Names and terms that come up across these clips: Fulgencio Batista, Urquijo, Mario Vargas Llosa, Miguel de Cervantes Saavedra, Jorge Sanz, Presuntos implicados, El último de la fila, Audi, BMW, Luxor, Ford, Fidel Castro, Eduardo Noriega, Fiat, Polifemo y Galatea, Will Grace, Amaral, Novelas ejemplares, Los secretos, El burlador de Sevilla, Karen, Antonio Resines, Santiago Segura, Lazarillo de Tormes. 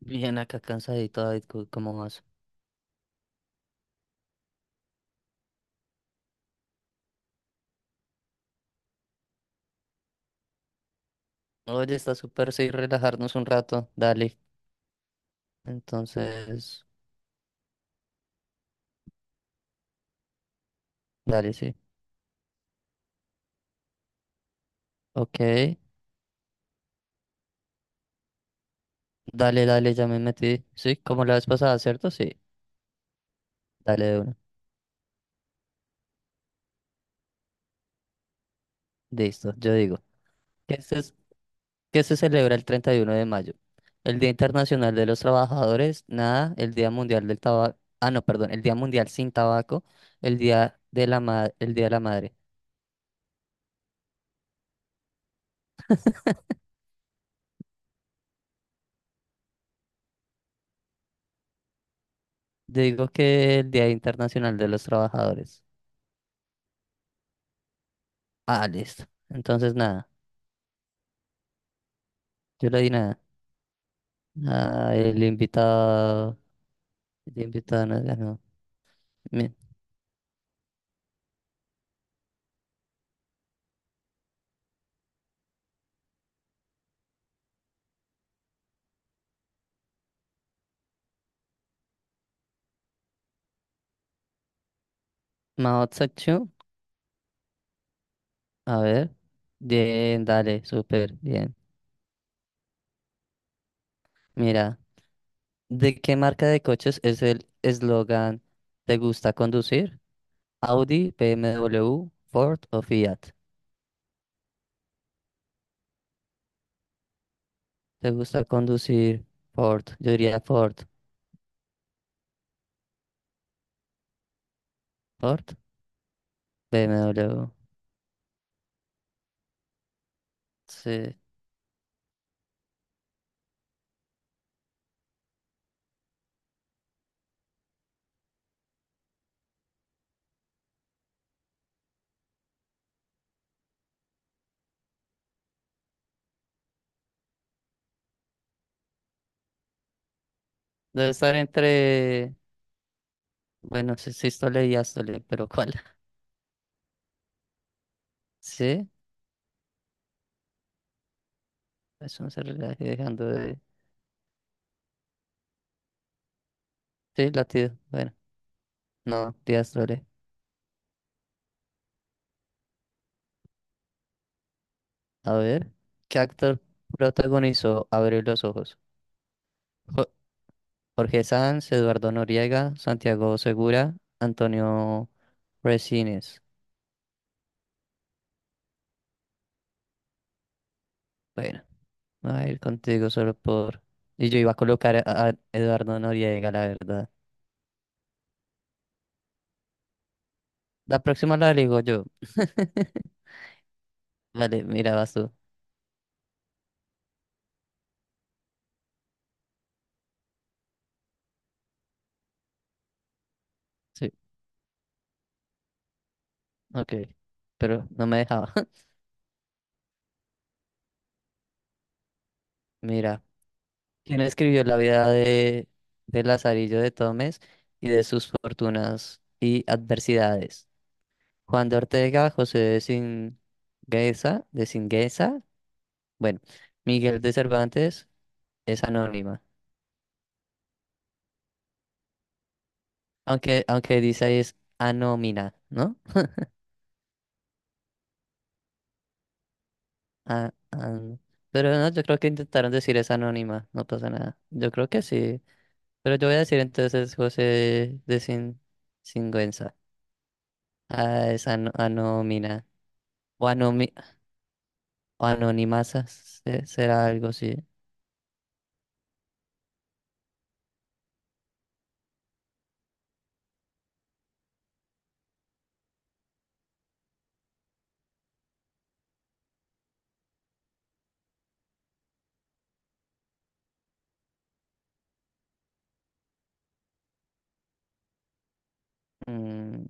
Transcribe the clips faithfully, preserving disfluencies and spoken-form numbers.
Bien, acá cansadito, David, cu- ¿cómo vas? Oye, está súper, sí, relajarnos un rato, dale. Entonces, dale, sí. Ok, dale, dale, ya me metí. Sí, como la vez pasada, ¿cierto? Sí, dale de una. Listo, yo digo. ¿Qué se, ¿qué se celebra el treinta y uno de mayo? El Día Internacional de los Trabajadores, nada, el Día Mundial del Tabaco, ah, no, perdón, el Día Mundial sin Tabaco, el Día de la Ma- el Día de la Madre. Digo que el Día Internacional de los Trabajadores. Ah, listo. Entonces, nada. Yo le di nada. A el invitado. El invitado no ganó. Bien. Maotzakchu. A ver. Bien, dale, súper bien. Mira, ¿de qué marca de coches es el eslogan ¿Te gusta conducir? Audi, B M W, Ford o Fiat. ¿Te gusta conducir? Ford. Yo diría Ford. Ford, B M W. Sí. Debe estar entre. Bueno, sí, sí, Stole y Astole, pero ¿cuál? Sí, eso no se relaje dejando de. Sí, latido. Bueno, no, Díaz Lore. A ver, ¿qué actor protagonizó Abrir los ojos? Jo- Jorge Sanz, Eduardo Noriega, Santiago Segura, Antonio Resines. Bueno, me voy a ir contigo solo por... Y yo iba a colocar a, a Eduardo Noriega, la verdad. La próxima la digo yo. Vale, mira, vas tú. Sí, ok. Pero no me dejaba. Mira. ¿Quien escribió la vida de, de Lazarillo de Tomes y de sus fortunas y adversidades? Juan de Ortega, José de Singueza, de Singueza, bueno, Miguel de Cervantes es anónima, aunque, aunque dice ahí es anómina, ¿no? A- an- pero no, yo creo que intentaron decir es anónima, no pasa nada. Yo creo que sí, pero yo voy a decir entonces José de Sin, Singuenza. Ah, es ano- anómina. O O anonimasas, se- será algo así. Mm,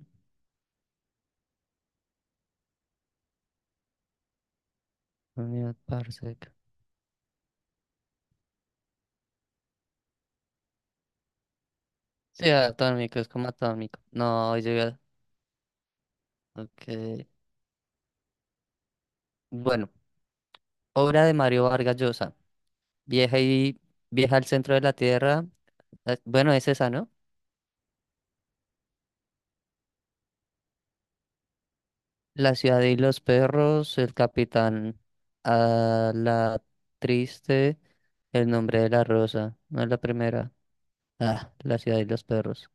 unidad parsec. Sí, atómico, es como atómico. No, llega. Ok. Bueno, obra de Mario Vargas Llosa. Vieja y vieja al centro de la tierra. eh, Bueno, es esa, ¿no? La ciudad y los perros, el capitán, a la triste, el nombre de la rosa. No es la primera. Ah, la ciudad y los perros.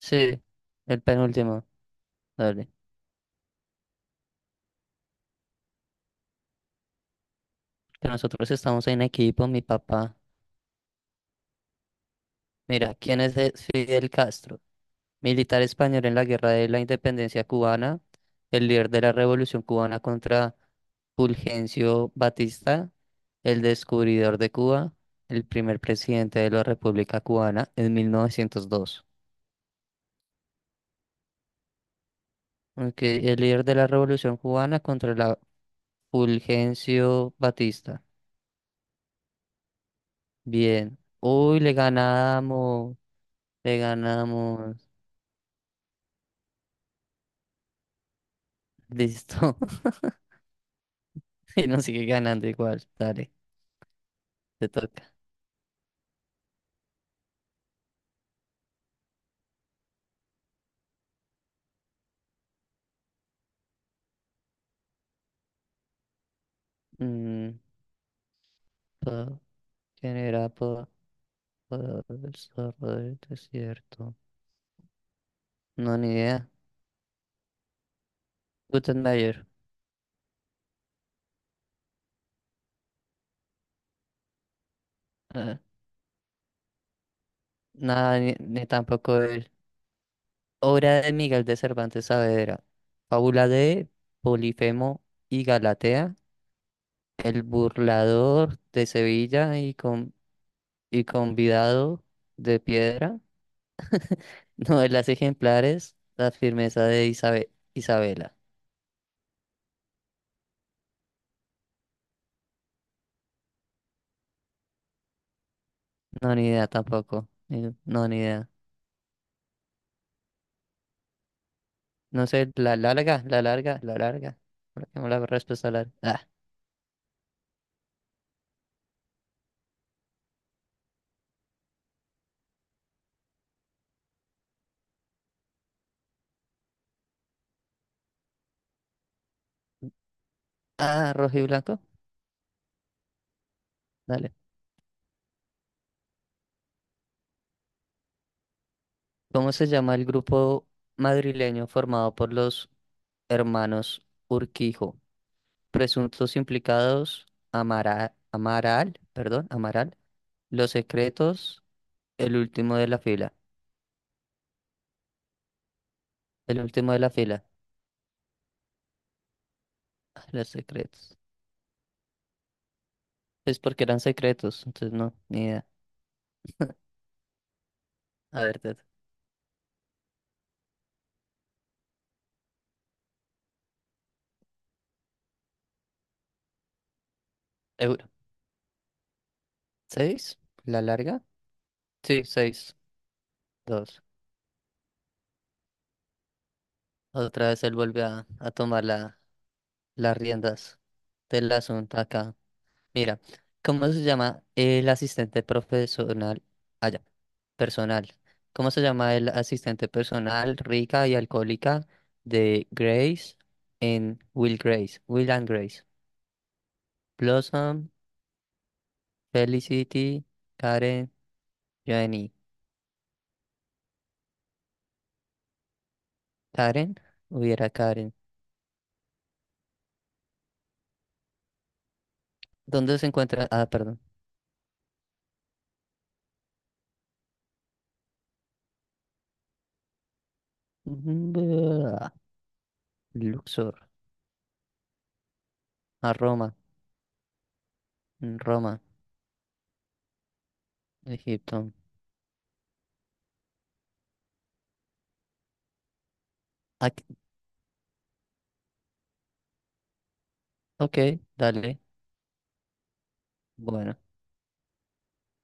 Sí, el penúltimo. Dale. Que nosotros estamos en equipo, mi papá. Mira, ¿quién es de- ¿Fidel Castro? Militar español en la Guerra de la Independencia cubana, el líder de la Revolución cubana contra Fulgencio Batista, el descubridor de Cuba, el primer presidente de la República Cubana en mil novecientos dos. Ok, el líder de la Revolución cubana contra la Fulgencio Batista. Bien. Uy, le ganamos. Le ganamos. Listo. Y nos sigue ganando igual. Dale, te toca. Mm, pa- ¿Quién era pa- pa- el zorro del desierto? No, ni idea. Gutenberg. eh, Nada, ni, ni tampoco él. Obra de Miguel de Cervantes Saavedra. Fábula de Polifemo y Galatea. El burlador de Sevilla y, con, y convidado de piedra. Novelas ejemplares. La firmeza de Isabe- Isabela. No, ni idea tampoco. eh, No, ni idea. No sé, la larga, la larga, la larga. ¿Por qué no la respuesta larga? Ah, ah, rojo y blanco. Dale. ¿Cómo se llama el grupo madrileño formado por los hermanos Urquijo? Presuntos implicados, Amara- Amaral, perdón, Amaral. Los secretos, el último de la fila. El último de la fila. Ah, Los secretos. Es porque eran secretos, entonces no, ni idea. A ver, Ted. Euro. ¿Seis? ¿La larga? Sí, seis. Dos. Otra vez él vuelve a, a tomar la, las riendas del asunto acá. Mira, ¿cómo se llama el asistente profesional? Allá, personal. ¿Cómo se llama el asistente personal rica y alcohólica de Grace en Will Grace? Will and Grace. Blossom, Felicity, Karen, Joanny. ¿Karen? Hubiera Karen. ¿Dónde se encuentra? Ah, perdón. Luxor. A Roma. Roma. Egipto. Ac- Ok, dale. Bueno.